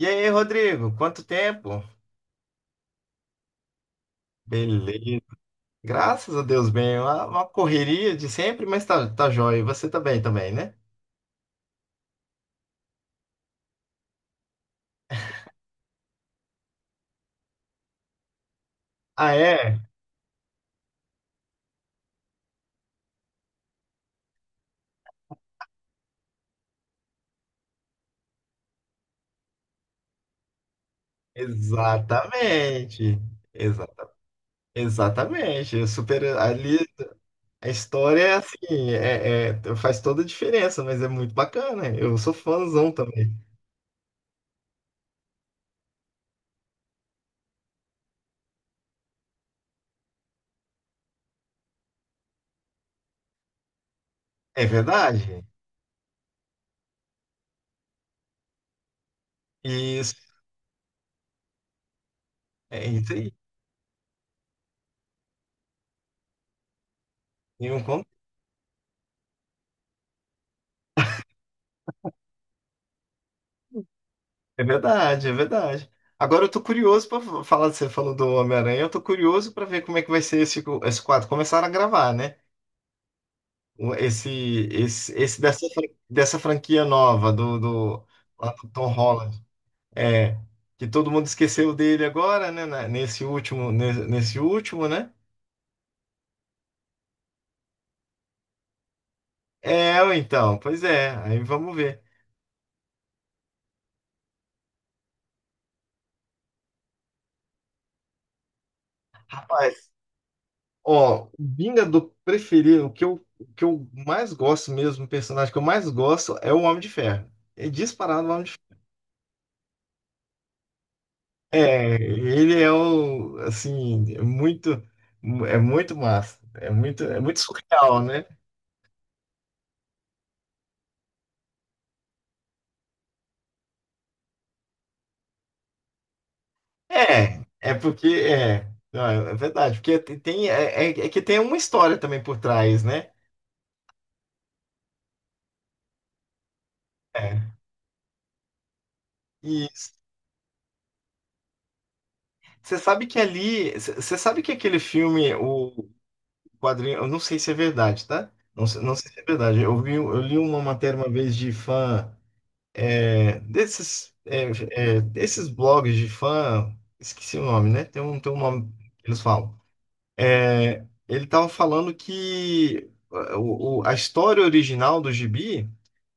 E aí, Rodrigo, quanto tempo? Beleza. Graças a Deus, bem. Uma correria de sempre, mas tá joia. E você tá bem também, né? Ah, é? Exatamente. Exa exatamente. Eu super, ali a história é assim, faz toda a diferença, mas é muito bacana. Eu sou fãzão também. É verdade. Isso, é isso aí. E um É verdade, é verdade. Agora eu tô curioso pra falar, você falou do Homem-Aranha, eu tô curioso pra ver como é que vai ser esse, esse, quadro. Começaram a gravar, né? O- Esse, esse dessa franquia nova do, lá do Tom Holland. É, que todo mundo esqueceu dele agora, né? Nesse último, nesse último, né? É, então, pois é, aí vamos ver. Ó, o Vingador preferido, o que eu mais gosto mesmo, o personagem que eu mais gosto é o Homem de Ferro. É disparado o Homem de Ferro. É, ele é o, assim, é muito massa. É muito surreal, né? É, é porque, é, não, é verdade, porque tem, tem- é, é- é que tem uma história também por trás, né? É. E você sabe que ali, você sabe que aquele filme, o quadrinho, eu não sei se é verdade, tá? Não, não sei se é verdade. Eu vi, eu li uma matéria uma vez de fã desses desses blogs de fã, esqueci o nome, né? Tem um nome que eles falam. É, ele tava falando que a história original do Gibi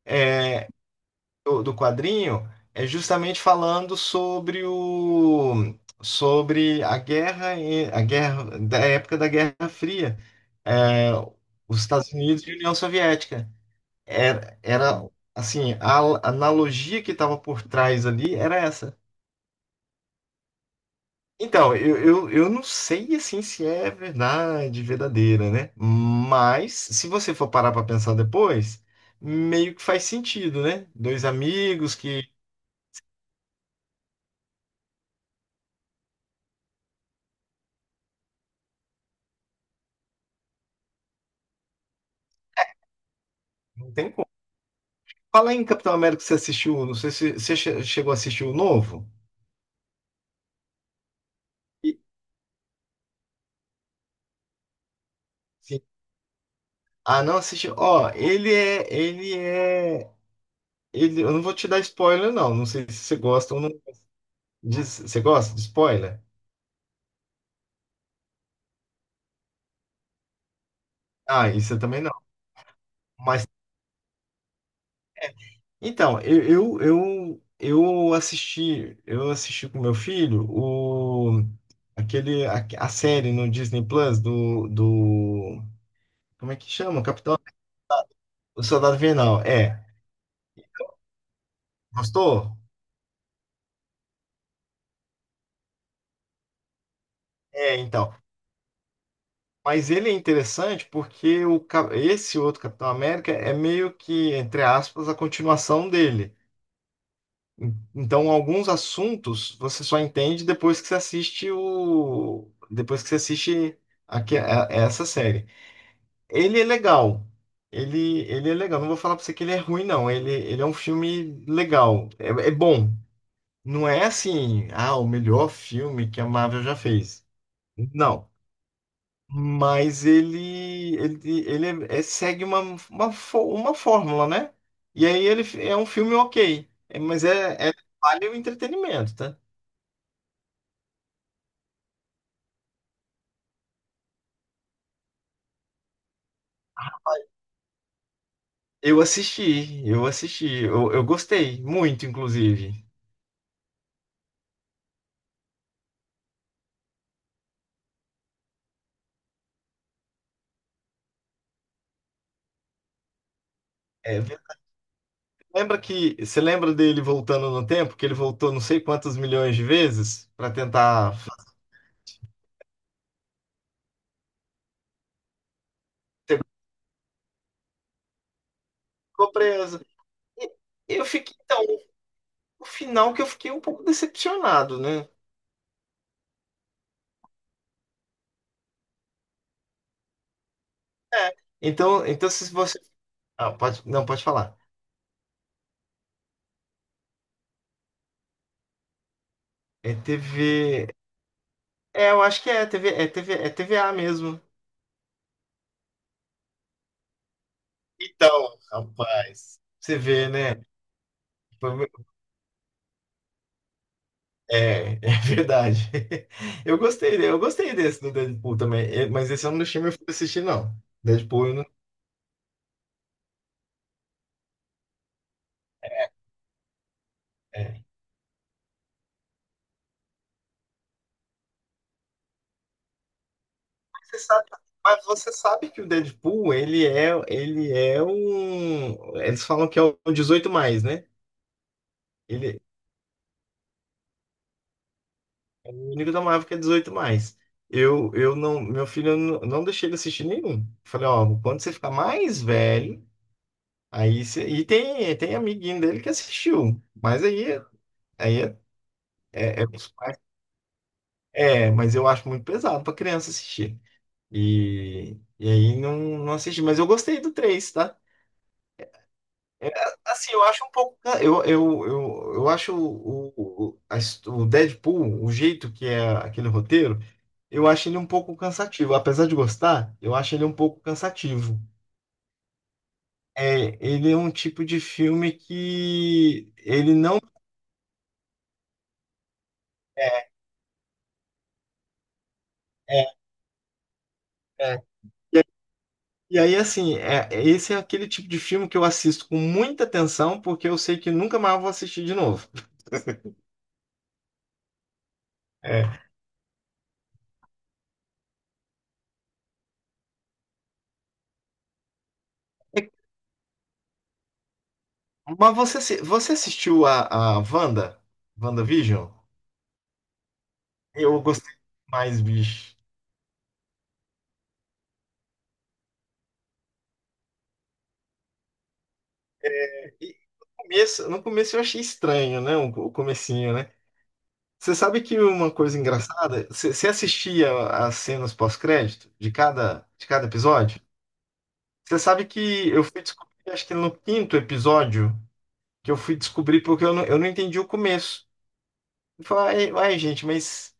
é do quadrinho é justamente falando sobre a guerra a guerra da época da Guerra Fria, é, os Estados Unidos e a União Soviética. Era assim, a analogia que estava por trás ali era essa. Então, eu não sei assim se é verdade, verdadeira, né? Mas se você for parar para pensar depois, meio que faz sentido, né? Dois amigos que não tem. Fala aí em Capitão América que você assistiu, não sei se você chegou a assistir o novo. E- Sim. Ah, não assistiu. Ó, eu não vou te dar spoiler não, não sei se você gosta ou não. Você gosta de spoiler? Ah, isso eu também não. Mas então, eu assisti com meu filho o aquele a série no Disney Plus do como é que chama? O Soldado Invernal. É. Gostou? É, então. Mas ele é interessante porque esse outro Capitão América é meio que, entre aspas, a continuação dele. Então, alguns assuntos você só entende depois que você assiste depois que você assiste essa série. Ele é legal. Ele é legal. Não vou falar pra você que ele é ruim, não. Ele é um filme legal. É, é bom. Não é assim, ah, o melhor filme que a Marvel já fez. Não. Mas ele segue uma fórmula, né? E aí ele é um filme ok, é, mas vale o entretenimento, tá? Eu gostei muito, inclusive. É, lembra que você lembra dele voltando no tempo, que ele voltou não sei quantos milhões de vezes para tentar fazer, ficou preso. E Eu fiquei, então, o final que eu fiquei um pouco decepcionado, né? Então se você, ah, pode, não pode falar. É TV. É, eu acho que é TV, é TVA mesmo. Então, rapaz, você vê, né? Foi- É, é verdade. Eu gostei desse do Deadpool também, é, mas esse eu não deixei meu filho assistir, não. Deadpool, eu não, é. Você sabe, mas você sabe que o Deadpool, ele é um, eles falam que é o 18 mais, né? Ele, é, o único da Marvel que é 18 mais. Eu não, meu filho, eu não, não deixei ele assistir nenhum. Falei, ó, quando você ficar mais velho, aí você. E tem amiguinho dele que assistiu. Mas aí é, os pais- é, mas eu acho muito pesado pra criança assistir. E aí não, não assisti. Mas eu gostei do três, tá? É, assim, eu acho um pouco. Eu acho o Deadpool, o jeito que é aquele roteiro, eu acho ele um pouco cansativo. Apesar de gostar, eu acho ele um pouco cansativo. É, ele é um tipo de filme que ele não. É, é. É. E aí, assim, esse é aquele tipo de filme que eu assisto com muita atenção, porque eu sei que nunca mais eu vou assistir de novo. É. É, mas você, você assistiu a Wanda? WandaVision? Eu gostei mais, bicho. E no começo eu achei estranho, né? O comecinho, né? Você sabe que uma coisa engraçada, você assistia as cenas pós-crédito de cada episódio? Você sabe que eu fui descobrir, acho que no quinto episódio, que eu fui descobrir porque eu não entendi o começo. Eu falei, ai, ai, gente, mas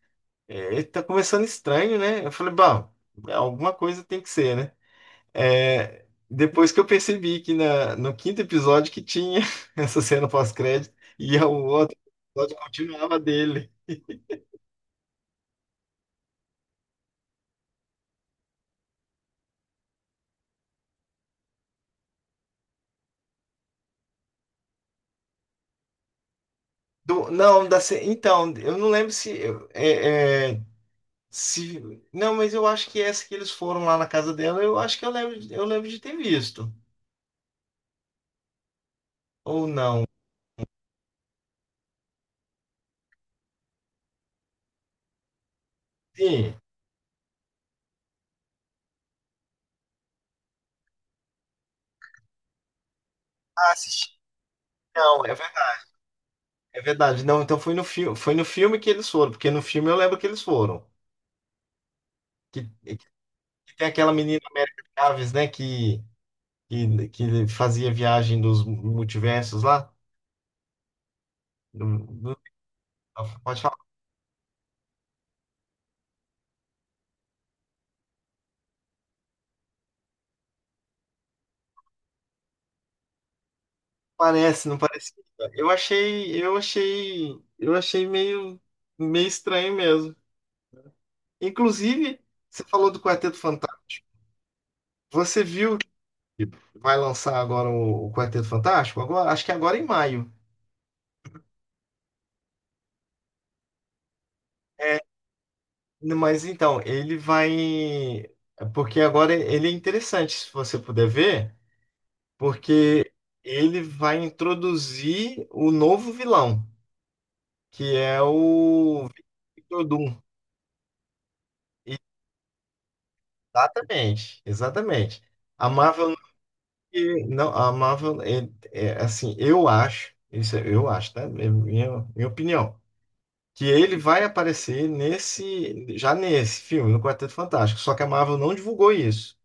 tá começando estranho, né? Eu falei, bom, alguma coisa tem que ser, né? É, depois que eu percebi que no quinto episódio que tinha essa cena pós-crédito e o outro episódio continuava dele. Não, então, eu não lembro se, é, é, se. Não, mas eu acho que essa que eles foram lá na casa dela, eu acho que eu lembro de ter visto. Ou não. Sim. Ah, assisti. Não, é verdade. É verdade. Não, então foi no filme que eles foram, porque no filme eu lembro que eles foram. Que tem aquela menina América Chaves, né? Que fazia viagem dos multiversos lá. do- do- Pode falar, parece, não parece. Eu achei meio estranho mesmo. Inclusive, você falou do Quarteto Fantástico. Você viu que vai lançar agora o Quarteto Fantástico? Agora, acho que agora em maio. Mas então, ele vai. Porque agora ele é interessante, se você puder ver, porque ele vai introduzir o novo vilão, que é o Victor Doom. Exatamente, exatamente. A Marvel não, não, a Marvel é, assim, eu acho, tá? É minha opinião, que ele vai aparecer nesse, já nesse filme, no Quarteto Fantástico, só que a Marvel não divulgou isso.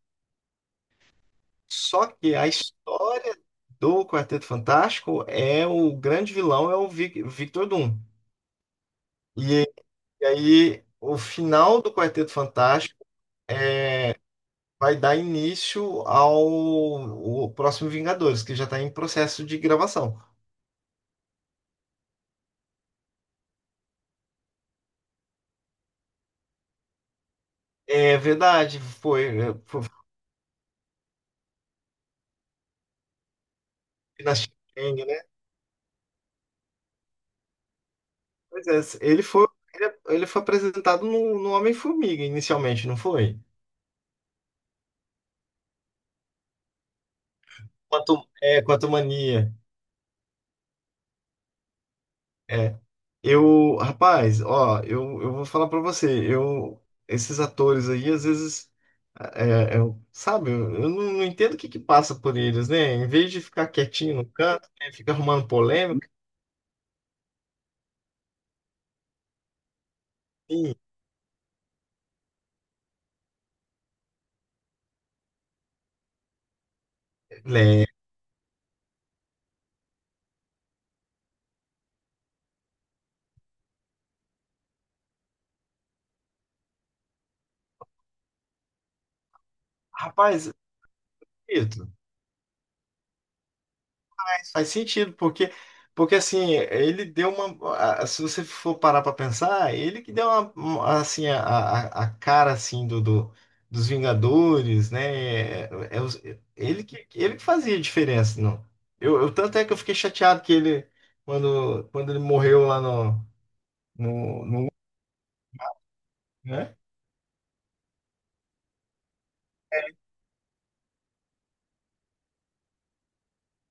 Só que a história do Quarteto Fantástico é o grande vilão é o Victor Doom. E, e aí o final do Quarteto Fantástico vai dar início ao o próximo Vingadores, que já está em processo de gravação. É verdade, foi na Chang, né? Pois é, ele foi, ele foi apresentado no Homem-Formiga inicialmente, não foi? Quanto mania. É. Eu, rapaz, ó, eu vou falar pra você, eu, esses atores aí, às vezes, eu, sabe, eu não, não entendo o que que passa por eles, né? Em vez de ficar quietinho no canto, né, fica arrumando polêmica. assim, Lembro. Rapaz, Ito, faz sentido, porque, assim, ele deu uma. A- Se você for parar para pensar, ele que deu assim, a cara assim, dos Vingadores, né? É, é os- ele que fazia a diferença. Não. Tanto é que eu fiquei chateado que ele, quando ele morreu lá no, né?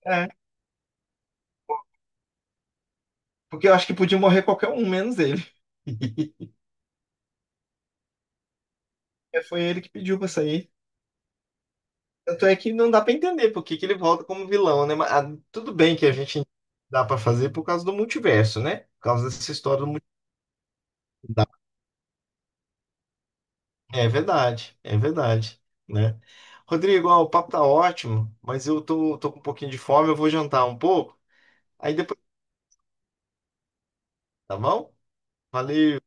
É, porque eu acho que podia morrer qualquer um, menos ele. Foi ele que pediu para sair. Tanto é que não dá pra entender por que que ele volta como vilão, né? Mas, ah, tudo bem que a gente dá pra fazer por causa do multiverso, né? Por causa dessa história do multiverso. É verdade, né? Rodrigo, ó, o papo tá ótimo, mas eu tô com um pouquinho de fome, eu vou jantar um pouco, aí depois, tá bom? Valeu!